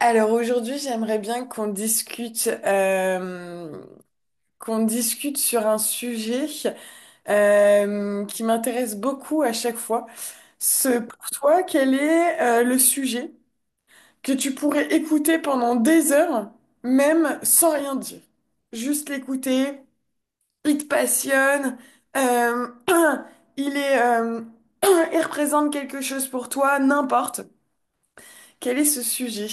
Alors aujourd'hui, j'aimerais bien qu'on discute, qu'on discute sur un sujet qui m'intéresse beaucoup à chaque fois. Ce, pour toi, quel est le sujet que tu pourrais écouter pendant des heures, même sans rien dire? Juste l'écouter, il te passionne, euh, il est, il représente quelque chose pour toi, n'importe. Quel est ce sujet?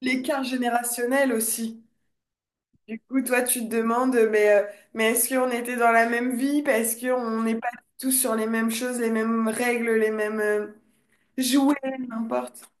L'écart générationnel aussi. Du coup, toi, tu te demandes, mais est-ce qu'on était dans la même vie? Parce qu'on n'est pas tous sur les mêmes choses, les mêmes règles, les mêmes jouets, n'importe.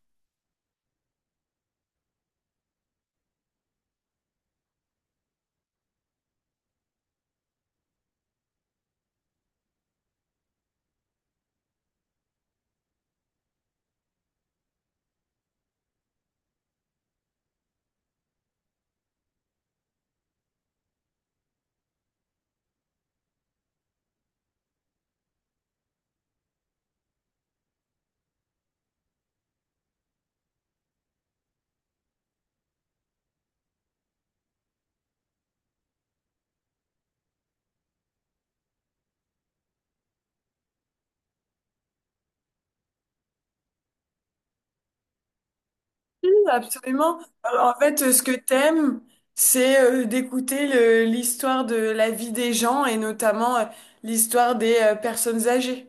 Oui, absolument. Alors, en fait, ce que t'aimes, c'est d'écouter l'histoire de la vie des gens et notamment l'histoire des personnes âgées.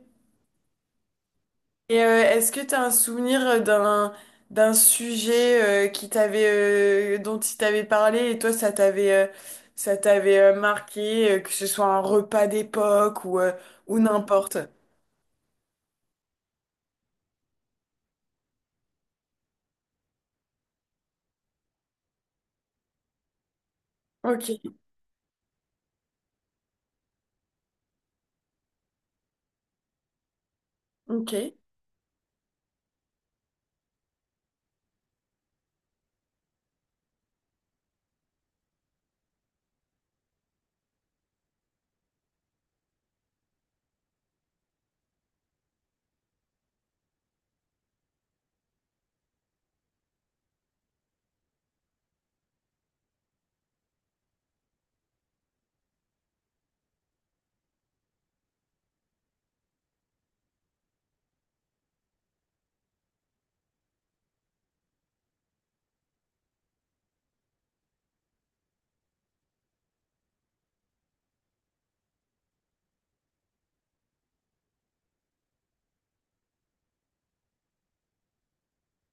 Et est-ce que tu as un souvenir d'un d'un sujet qui t'avait dont il t'avait parlé et toi ça t'avait marqué que ce soit un repas d'époque ou n'importe. OK, OK.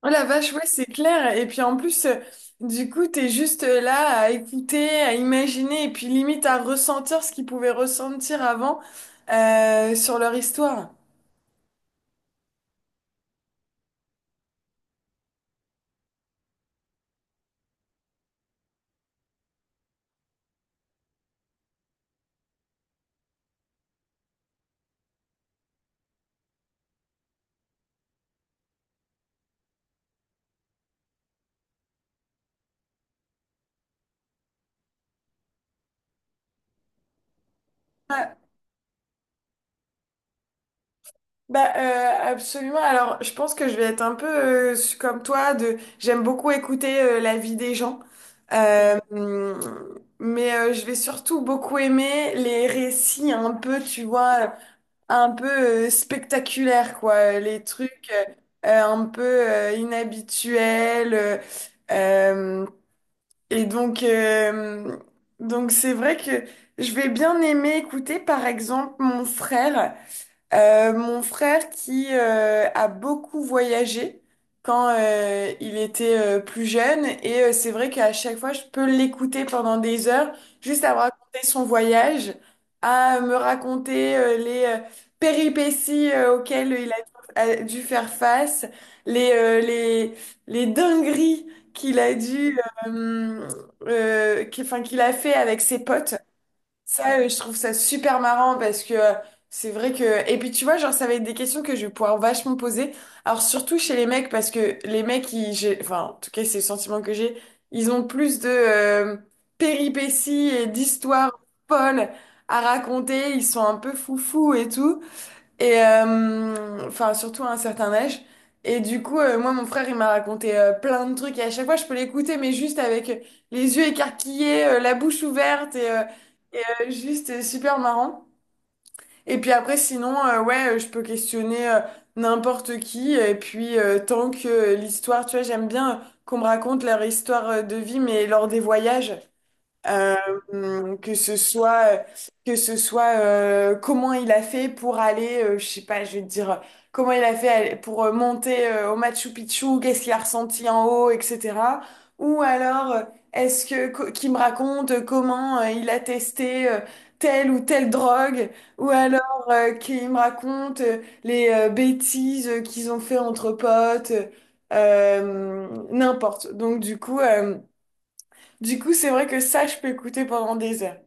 Oh la vache, ouais, c'est clair. Et puis en plus du coup, t'es juste là à écouter, à imaginer et puis limite à ressentir ce qu'ils pouvaient ressentir avant sur leur histoire. Bah, absolument. Alors, je pense que je vais être un peu comme toi, de j'aime beaucoup écouter la vie des gens. Euh, hum, mais je vais surtout beaucoup aimer les récits un peu, tu vois, un peu spectaculaires, quoi. Les trucs un peu inhabituels. Euh, et donc c'est vrai que je vais bien aimer écouter, par exemple, mon frère. Mon frère qui a beaucoup voyagé quand il était plus jeune et c'est vrai qu'à chaque fois je peux l'écouter pendant des heures juste à me raconter son voyage, à me raconter les péripéties auxquelles il a dû faire face, les, les dingueries qu'il a dû, euh, qu'il, enfin, qu'il a fait avec ses potes. Ça, je trouve ça super marrant parce que c'est vrai que. Et puis tu vois, genre, ça va être des questions que je vais pouvoir vachement poser. Alors surtout chez les mecs, parce que les mecs, Enfin, en tout cas, c'est le sentiment que j'ai. Ils ont plus de péripéties et d'histoires folles à raconter. Ils sont un peu foufous et tout. Et enfin, surtout à un certain âge. Et du coup, moi, mon frère, il m'a raconté plein de trucs. Et à chaque fois, je peux l'écouter, mais juste avec les yeux écarquillés, la bouche ouverte, juste super marrant. Et puis après, sinon, ouais, je peux questionner n'importe qui. Et puis, tant que l'histoire, tu vois, j'aime bien qu'on me raconte leur histoire de vie, mais lors des voyages. Euh, que ce soit, que ce soit comment il a fait pour aller, je sais pas, je vais te dire, comment il a fait aller- pour monter au Machu Picchu, qu'est-ce qu'il a ressenti en haut, etc. Ou alors, est-ce que qu'il me raconte comment il a testé telle ou telle drogue, ou alors qu'il me raconte les bêtises qu'ils ont fait entre potes, n'importe. Donc du coup. Du coup, c'est vrai que ça, je peux écouter pendant des heures.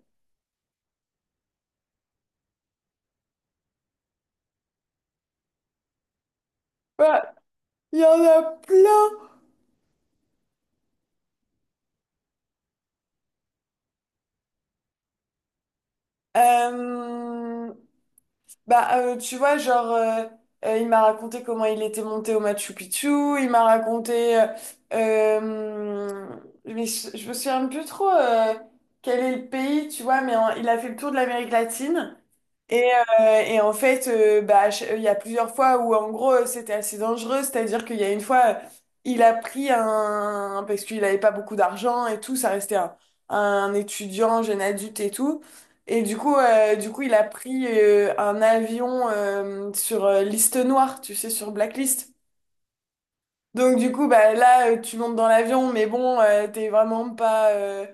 Bah, il y en a plein. Euh, bah, tu vois, genre, il m'a raconté comment il était monté au Machu Picchu. Il m'a raconté, euh, mais je me souviens plus trop quel est le pays, tu vois, mais il a fait le tour de l'Amérique latine. Et, et en fait, bah, il y a plusieurs fois où en gros c'était assez dangereux, c'est-à-dire qu'il y a une fois, il a pris un... parce qu'il n'avait pas beaucoup d'argent et tout, ça restait un étudiant, jeune adulte et tout. Et du coup, il a pris un avion sur liste noire, tu sais, sur Blacklist. Donc du coup, bah, là, tu montes dans l'avion, mais bon,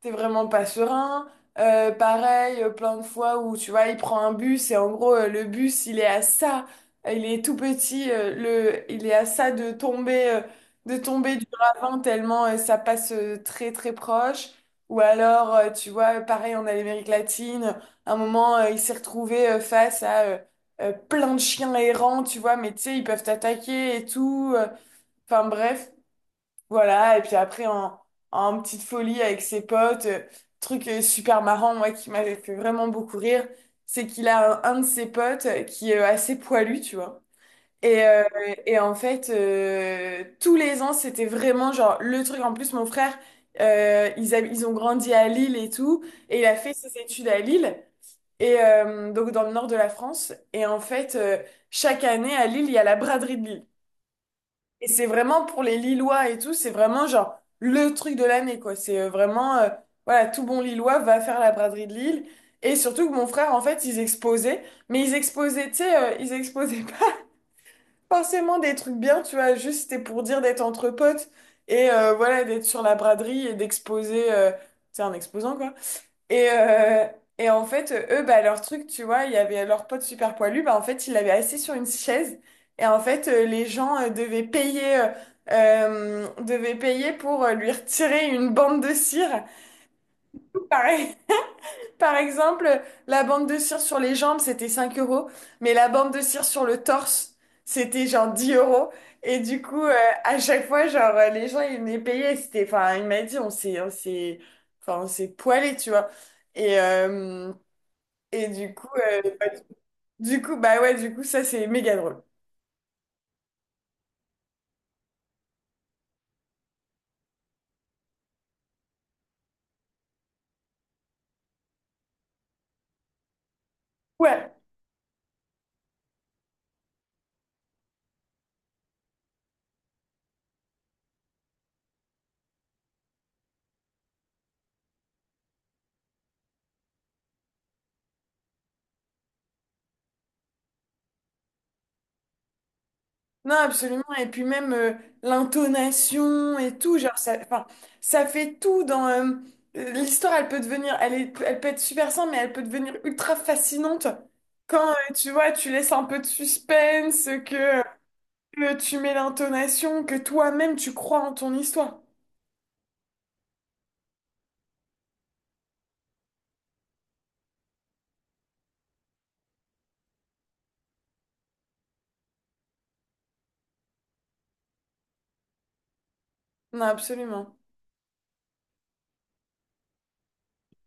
t'es vraiment pas serein. Pareil, plein de fois où tu vois, il prend un bus et en gros, le bus, il est à ça, il est tout petit, il est à ça de tomber du ravin tellement ça passe très très proche. Ou alors, tu vois, pareil, on a l'Amérique latine. À un moment, il s'est retrouvé face à plein de chiens errants, tu vois, mais tu sais, ils peuvent t'attaquer et tout. Enfin bref. Voilà, et puis après en petite folie avec ses potes, truc super marrant, moi qui m'avait fait vraiment beaucoup rire, c'est qu'il a un de ses potes qui est assez poilu, tu vois. Et, euh, et en fait, tous les ans, c'était vraiment genre le truc. En plus, mon frère, ils ont grandi à Lille et tout, et il a fait ses études à Lille, et donc dans le nord de la France. Et en fait, chaque année à Lille, il y a la braderie de Lille. Et c'est vraiment pour les Lillois et tout, c'est vraiment genre le truc de l'année, quoi. C'est voilà, tout bon Lillois va faire la braderie de Lille. Et surtout que mon frère, en fait, ils exposaient, tu sais, ils exposaient pas forcément des trucs bien, tu vois, juste c'était pour dire d'être entre potes et voilà, d'être sur la braderie et d'exposer, c'est un exposant, quoi et, euh, et en fait, eux, bah, leur truc, tu vois, il y avait leur pote super poilu, bah, en fait, il l'avait assis sur une chaise. Et en fait, les gens devaient payer pour lui retirer une bande de cire. Pareil, par exemple, la bande de cire sur les jambes, c'était 5 euros, mais la bande de cire sur le torse, c'était genre 10 euros. Et du coup, à chaque fois, genre, les gens, ils venaient payer. C'était, enfin, il m'a dit, on s'est poilé, tu vois. Et, et du coup, euh, bah, du coup, bah ouais, du coup, ça, c'est méga drôle. Ouais, non, absolument. Et puis même l'intonation et tout, genre, ça fait tout dans. L'histoire, elle peut devenir. Elle peut être super simple, mais elle peut devenir ultra fascinante quand, tu vois, tu laisses un peu de suspense, que tu mets l'intonation, que toi-même, tu crois en ton histoire. Non, absolument.